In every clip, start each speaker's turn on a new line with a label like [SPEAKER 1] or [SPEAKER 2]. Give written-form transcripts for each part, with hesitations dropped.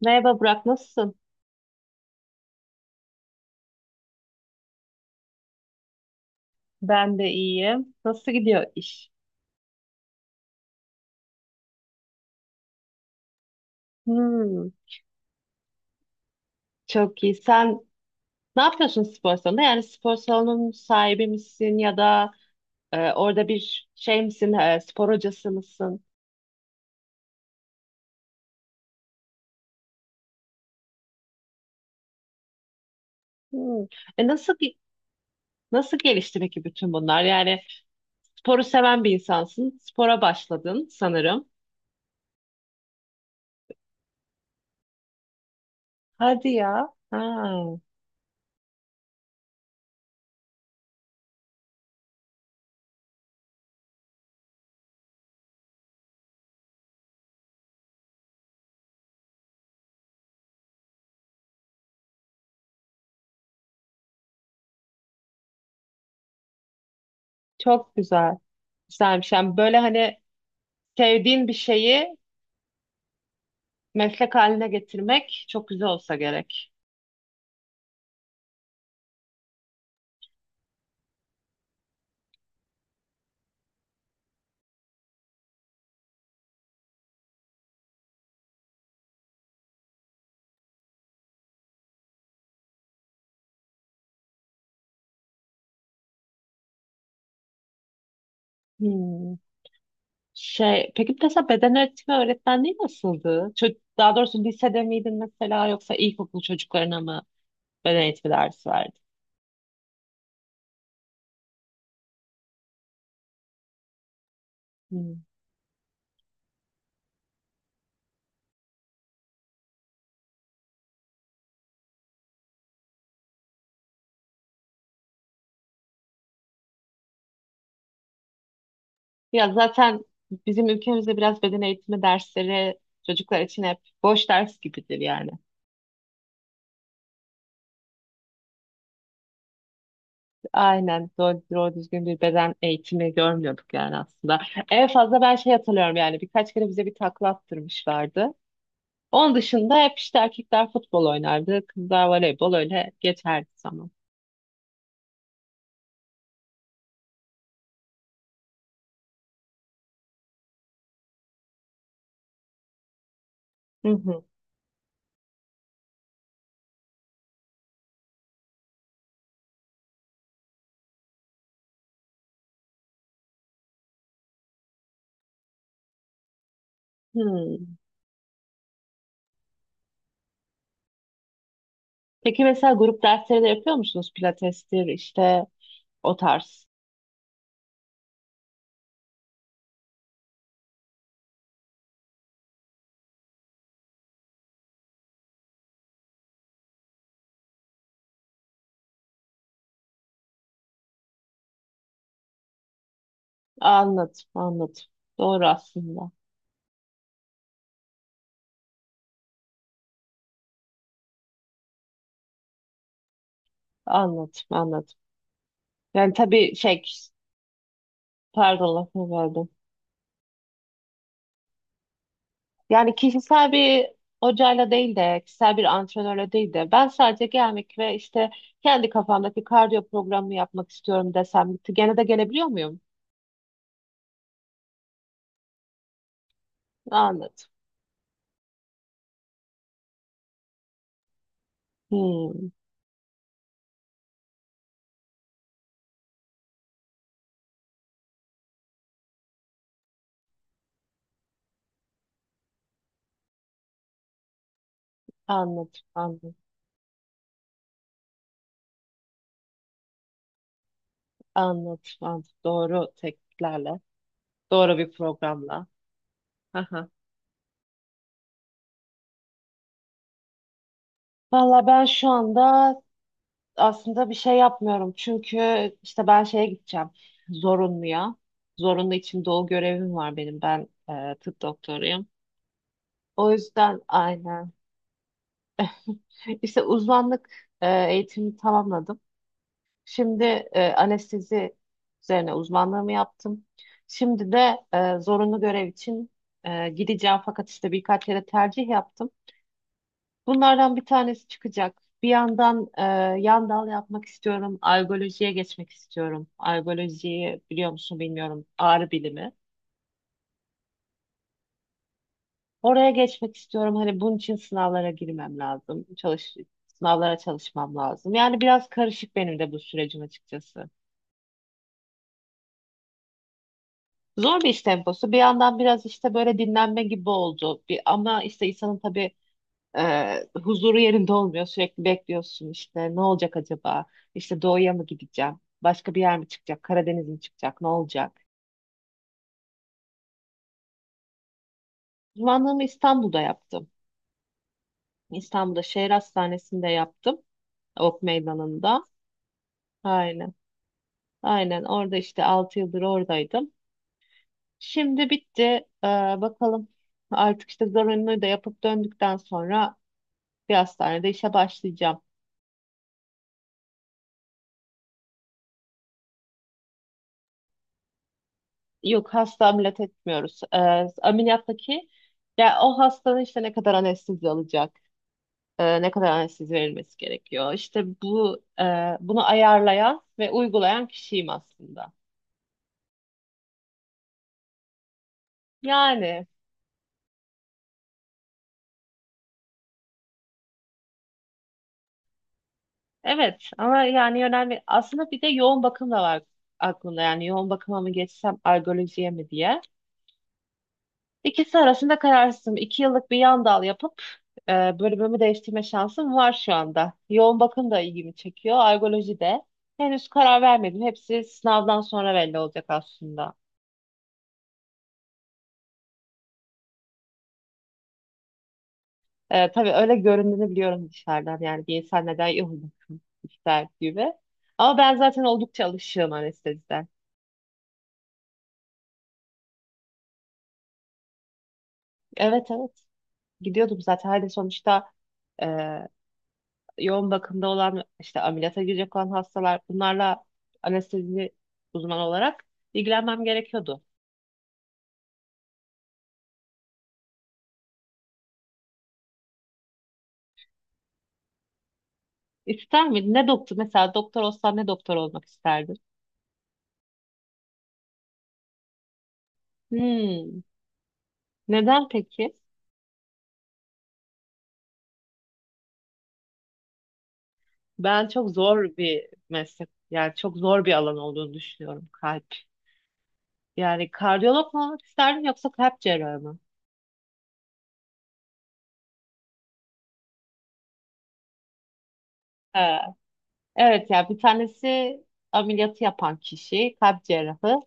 [SPEAKER 1] Merhaba Burak, nasılsın? Ben de iyiyim. Nasıl gidiyor iş? Hmm, çok iyi. Sen ne yapıyorsun spor salonunda? Yani spor salonunun sahibi misin ya da orada bir şey misin, spor hocası mısın? Hmm. E, nasıl gi- Nasıl gelişti peki bütün bunlar? Yani sporu seven bir insansın, spora başladın sanırım. Hadi ya. Ha, çok güzel. Güzelmiş. Yani böyle hani sevdiğin bir şeyi meslek haline getirmek çok güzel olsa gerek. Hmm. Şey, peki mesela beden eğitimi öğretmenliği nasıldı? Daha doğrusu lisede miydin mesela yoksa ilkokul çocuklarına mı beden eğitimi dersi verdin? Hmm. Ya zaten bizim ülkemizde biraz beden eğitimi dersleri çocuklar için hep boş ders gibidir yani. Aynen doğru, doğru düzgün bir beden eğitimi görmüyorduk yani aslında. En fazla ben şey hatırlıyorum yani birkaç kere bize bir takla attırmışlardı. Onun dışında hep işte erkekler futbol oynardı, kızlar voleybol öyle geçerdi zaman. Hı hı. Hmm. Peki mesela grup dersleri de yapıyor musunuz? Pilatestir işte o tarz. Anladım, anladım. Doğru aslında. Anladım, anladım. Yani tabii şey, pardon lafını böldüm. Yani kişisel bir hocayla değil de, kişisel bir antrenörle değil de, ben sadece gelmek ve işte kendi kafamdaki kardiyo programını yapmak istiyorum desem, gitti. Gene de gelebiliyor muyum? Anladım. Hmm, anladım, anladım, anladım, anladım. Doğru tekniklerle, doğru bir programla. Aha. Valla ben şu anda aslında bir şey yapmıyorum. Çünkü işte ben şeye gideceğim, zorunluya. Zorunlu için doğu görevim var benim, ben tıp doktoruyum. O yüzden aynen. İşte uzmanlık e, eğitimini tamamladım. Şimdi anestezi üzerine uzmanlığımı yaptım. Şimdi de zorunlu görev için gideceğim fakat işte birkaç yere tercih yaptım. Bunlardan bir tanesi çıkacak. Bir yandan yan dal yapmak istiyorum. Algolojiye geçmek istiyorum. Algolojiyi biliyor musun bilmiyorum. Ağrı bilimi. Oraya geçmek istiyorum. Hani bunun için sınavlara girmem lazım. Sınavlara çalışmam lazım. Yani biraz karışık benim de bu sürecim açıkçası. Zor bir iş temposu. Bir yandan biraz işte böyle dinlenme gibi oldu. Bir, ama işte insanın tabii huzuru yerinde olmuyor. Sürekli bekliyorsun işte ne olacak acaba? İşte doğuya mı gideceğim? Başka bir yer mi çıkacak? Karadeniz mi çıkacak? Ne olacak? Uzmanlığımı İstanbul'da yaptım. İstanbul'da şehir hastanesinde yaptım. Ok meydanında. Aynen. Aynen orada işte 6 yıldır oradaydım. Şimdi bitti. Ee, Bakalım artık işte zorunluluğu da yapıp döndükten sonra bir hastanede işe başlayacağım. Yok hasta ameliyat etmiyoruz. Ameliyattaki ya o hastanın işte ne kadar anestezi alacak, ne kadar anestezi verilmesi gerekiyor. İşte bu bunu ayarlayan ve uygulayan kişiyim aslında. Yani evet ama yani önemli. Aslında bir de yoğun bakım da var aklımda. Yani yoğun bakıma mı geçsem algolojiye mi diye. İkisi arasında kararsızım. İki yıllık bir yan dal yapıp bölümümü değiştirme şansım var şu anda. Yoğun bakım da ilgimi çekiyor. Algoloji de. Henüz karar vermedim. Hepsi sınavdan sonra belli olacak aslında. Tabii öyle göründüğünü biliyorum dışarıdan. Yani bir insan neden yoğun bakım ister gibi. Ama ben zaten oldukça alışığım anesteziden. Evet, evet. Gidiyordum zaten. Hani sonuçta e, yoğun bakımda olan işte ameliyata girecek olan hastalar bunlarla anestezi uzmanı olarak ilgilenmem gerekiyordu. İster miydin? Ne doktor? Mesela doktor olsan ne doktor olmak isterdin? Hmm. Neden peki? Ben çok zor bir meslek, yani çok zor bir alan olduğunu düşünüyorum kalp. Yani kardiyolog mu olmak isterdin yoksa kalp cerrahı mı? Ee, evet ya bir tanesi ameliyatı yapan kişi, kalp cerrahı.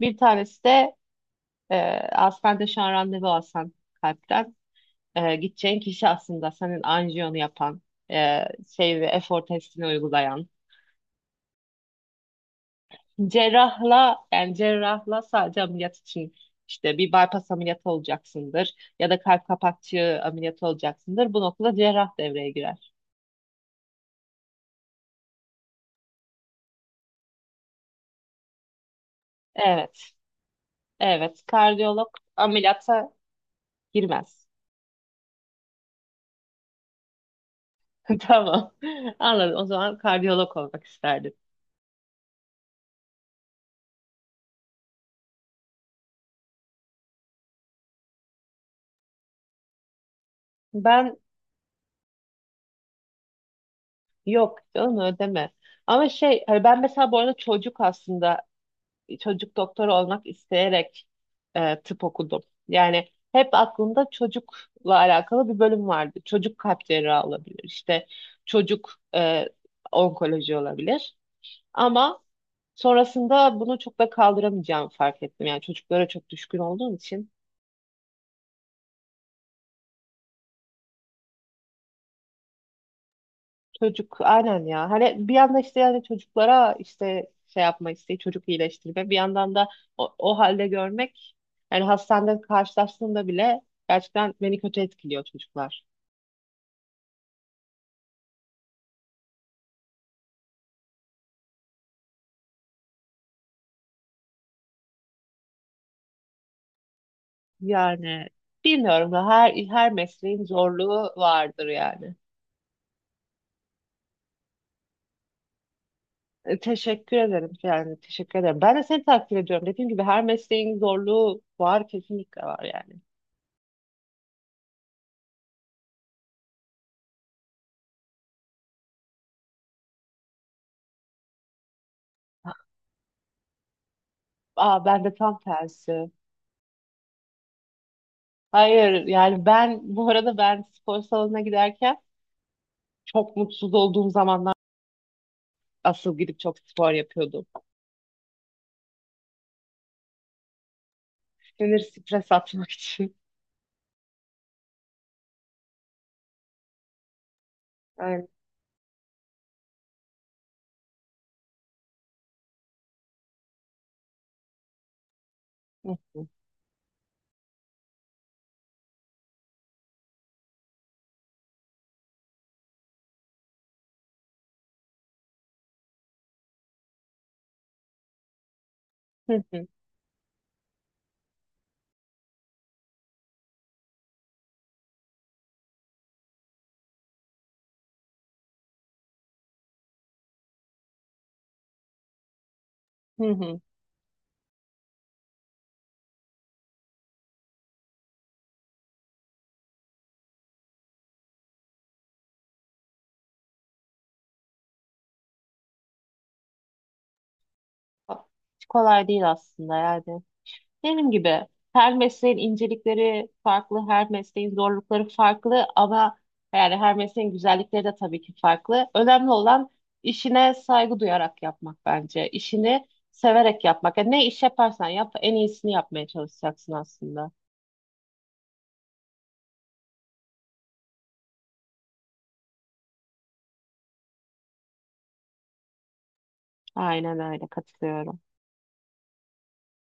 [SPEAKER 1] Bir tanesi de Ee, aslında şu an randevu alsan kalpten gideceğin kişi aslında senin anjiyonu yapan şey ve efor testini uygulayan cerrahla yani cerrahla sadece ameliyat için işte bir bypass ameliyatı olacaksındır ya da kalp kapakçığı ameliyatı olacaksındır. Bu noktada cerrah devreye girer. Evet. Evet. Kardiyolog ameliyata girmez. Tamam. Anladım. O zaman kardiyolog olmak isterdim. Ben yok canım ödeme. Ama şey hani ben mesela bu arada çocuk aslında çocuk doktoru olmak isteyerek tıp okudum. Yani hep aklımda çocukla alakalı bir bölüm vardı. Çocuk kalp cerrahı olabilir. İşte çocuk onkoloji olabilir. Ama sonrasında bunu çok da kaldıramayacağımı fark ettim. Yani çocuklara çok düşkün olduğum için. Çocuk aynen ya. Hani bir yanda işte yani çocuklara işte şey yapma isteği, çocuk iyileştirme. Bir yandan da o, o halde görmek yani hastanede karşılaştığımda bile gerçekten beni kötü etkiliyor çocuklar. Yani bilmiyorum da her mesleğin zorluğu vardır yani. Teşekkür ederim yani teşekkür ederim. Ben de seni takdir ediyorum. Dediğim gibi her mesleğin zorluğu var kesinlikle var yani. Aa ben de tam tersi. Hayır yani ben bu arada ben spor salonuna giderken çok mutsuz olduğum zamanlar asıl gidip çok spor yapıyordum. Sinir stres atmak için. Öyle. Hı hı. Hı hı. Hı hı. Hiç kolay değil aslında yani. Benim gibi her mesleğin incelikleri farklı, her mesleğin zorlukları farklı ama yani her mesleğin güzellikleri de tabii ki farklı. Önemli olan işine saygı duyarak yapmak bence. İşini severek yapmak. Yani ne iş yaparsan yap, en iyisini yapmaya çalışacaksın aslında. Aynen öyle katılıyorum.